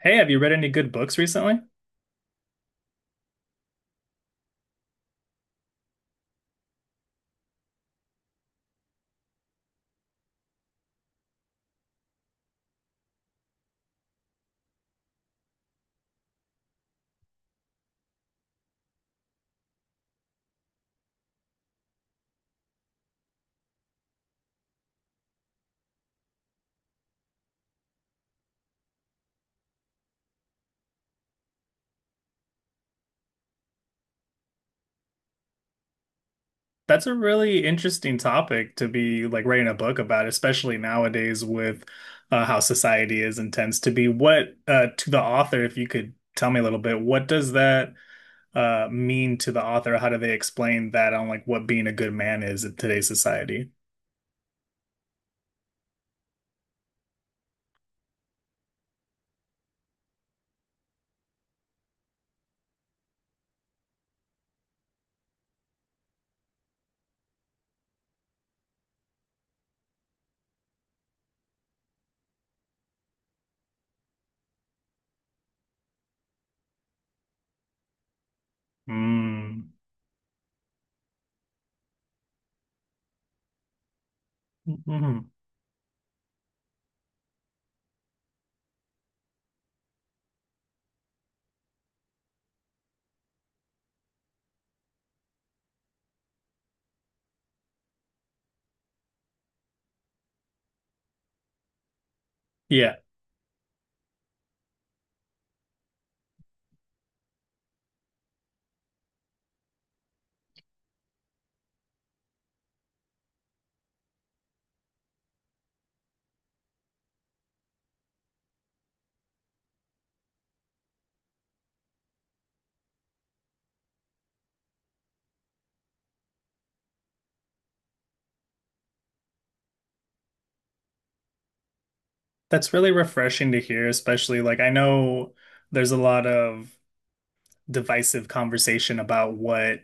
Hey, have you read any good books recently? That's a really interesting topic to be like writing a book about, especially nowadays with how society is and tends to be. What to the author, if you could tell me a little bit, what does that mean to the author? How do they explain that on like what being a good man is in today's society? Mm. Hmm. Yeah, that's really refreshing to hear, especially like I know there's a lot of divisive conversation about what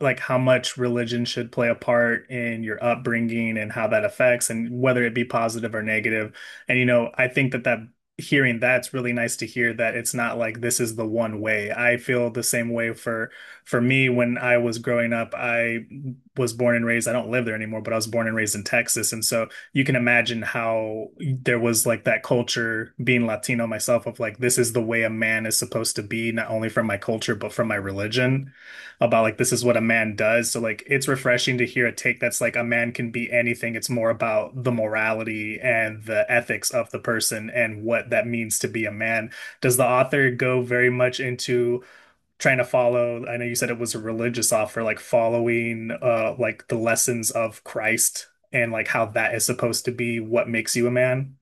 like how much religion should play a part in your upbringing and how that affects, and whether it be positive or negative. And you know, I think that hearing that's really nice to hear that it's not like this is the one way. I feel the same way for me when I was growing up. I was born and raised, I don't live there anymore, but I was born and raised in Texas. And so you can imagine how there was like that culture being Latino myself of like this is the way a man is supposed to be, not only from my culture, but from my religion, about like this is what a man does. So like it's refreshing to hear a take that's like a man can be anything. It's more about the morality and the ethics of the person and what that means to be a man. Does the author go very much into trying to follow, I know you said it was a religious offer, like following like the lessons of Christ, and like how that is supposed to be what makes you a man?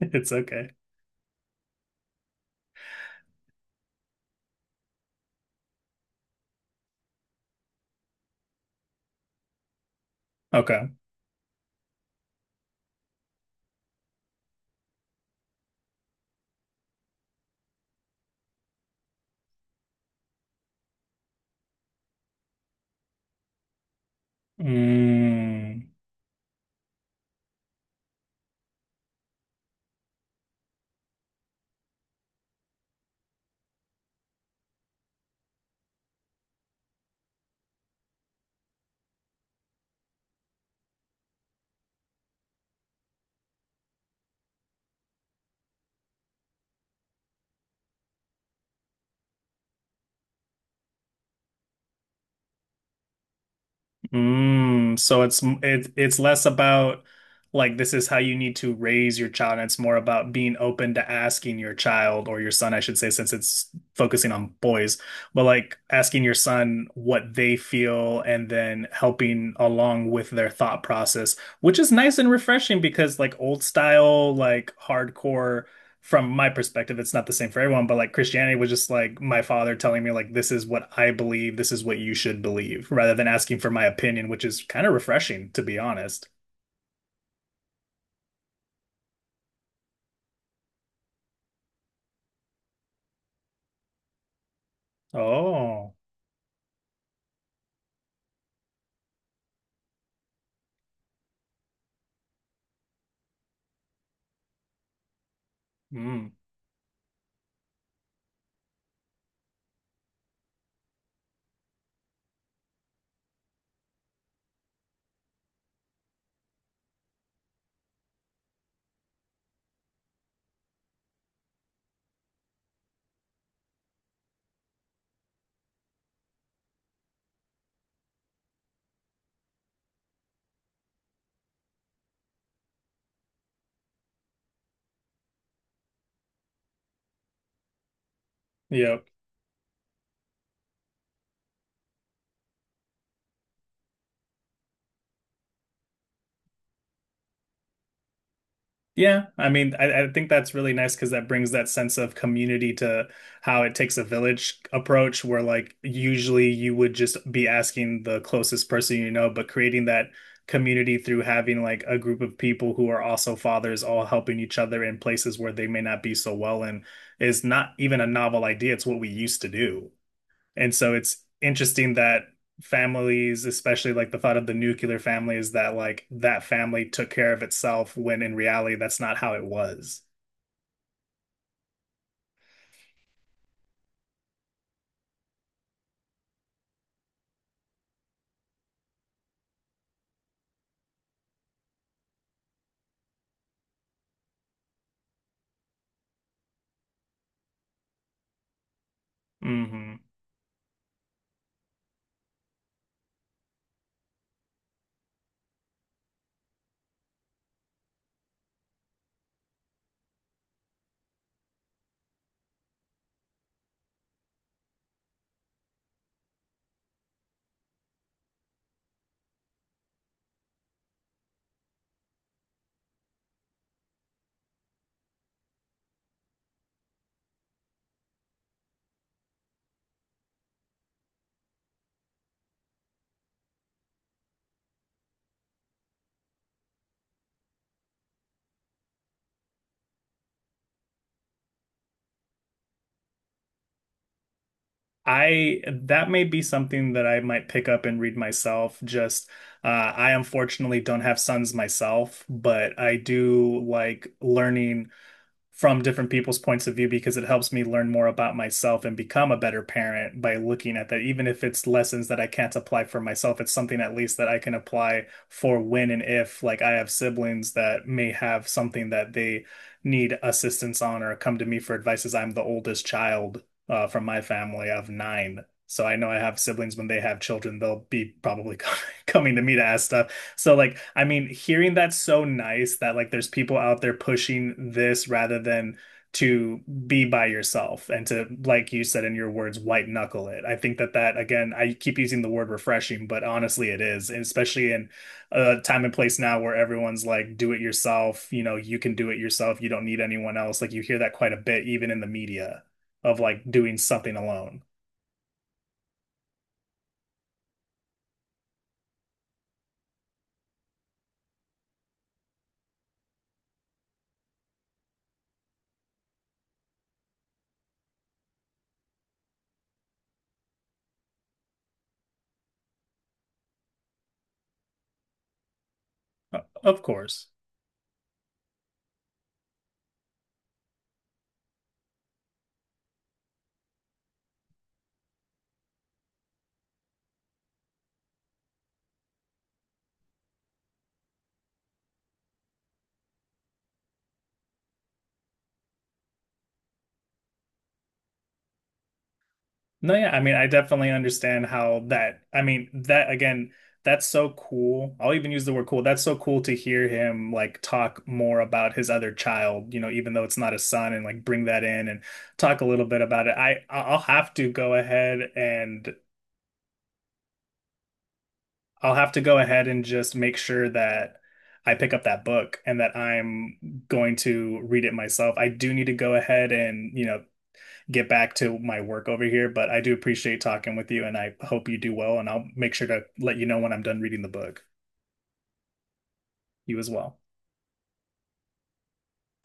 It's okay. Okay. Mm. Mm, so it's less about like this is how you need to raise your child, and it's more about being open to asking your child or your son, I should say, since it's focusing on boys, but like asking your son what they feel and then helping along with their thought process, which is nice and refreshing, because like old style, like hardcore, from my perspective, it's not the same for everyone, but like Christianity was just like my father telling me, like, this is what I believe, this is what you should believe, rather than asking for my opinion, which is kind of refreshing, to be honest. Oh, mm, yep. Yeah, I mean, I think that's really nice because that brings that sense of community to how it takes a village approach, where like usually you would just be asking the closest person you know, but creating that community through having like a group of people who are also fathers all helping each other in places where they may not be so well in is not even a novel idea. It's what we used to do. And so it's interesting that families, especially like the thought of the nuclear family, is that like that family took care of itself when in reality that's not how it was. Hmm. I That may be something that I might pick up and read myself. Just I unfortunately don't have sons myself, but I do like learning from different people's points of view because it helps me learn more about myself and become a better parent by looking at that. Even if it's lessons that I can't apply for myself, it's something at least that I can apply for when and if, like, I have siblings that may have something that they need assistance on or come to me for advice, as I'm the oldest child from my family of 9. So I know I have siblings, when they have children, they'll be probably coming to me to ask stuff. So like I mean hearing that's so nice that like there's people out there pushing this rather than to be by yourself and to, like you said in your words, white knuckle it. I think that again, I keep using the word refreshing, but honestly it is, and especially in a time and place now where everyone's like do it yourself, you know, you can do it yourself, you don't need anyone else. Like you hear that quite a bit even in the media, of like doing something alone. Of course. No, yeah, I mean, I definitely understand how that, I mean, that again, that's so cool. I'll even use the word cool. That's so cool to hear him like talk more about his other child, you know, even though it's not his son, and like bring that in and talk a little bit about it. I'll have to go ahead and just make sure that I pick up that book and that I'm going to read it myself. I do need to go ahead and get back to my work over here, but I do appreciate talking with you, and I hope you do well, and I'll make sure to let you know when I'm done reading the book. You as well.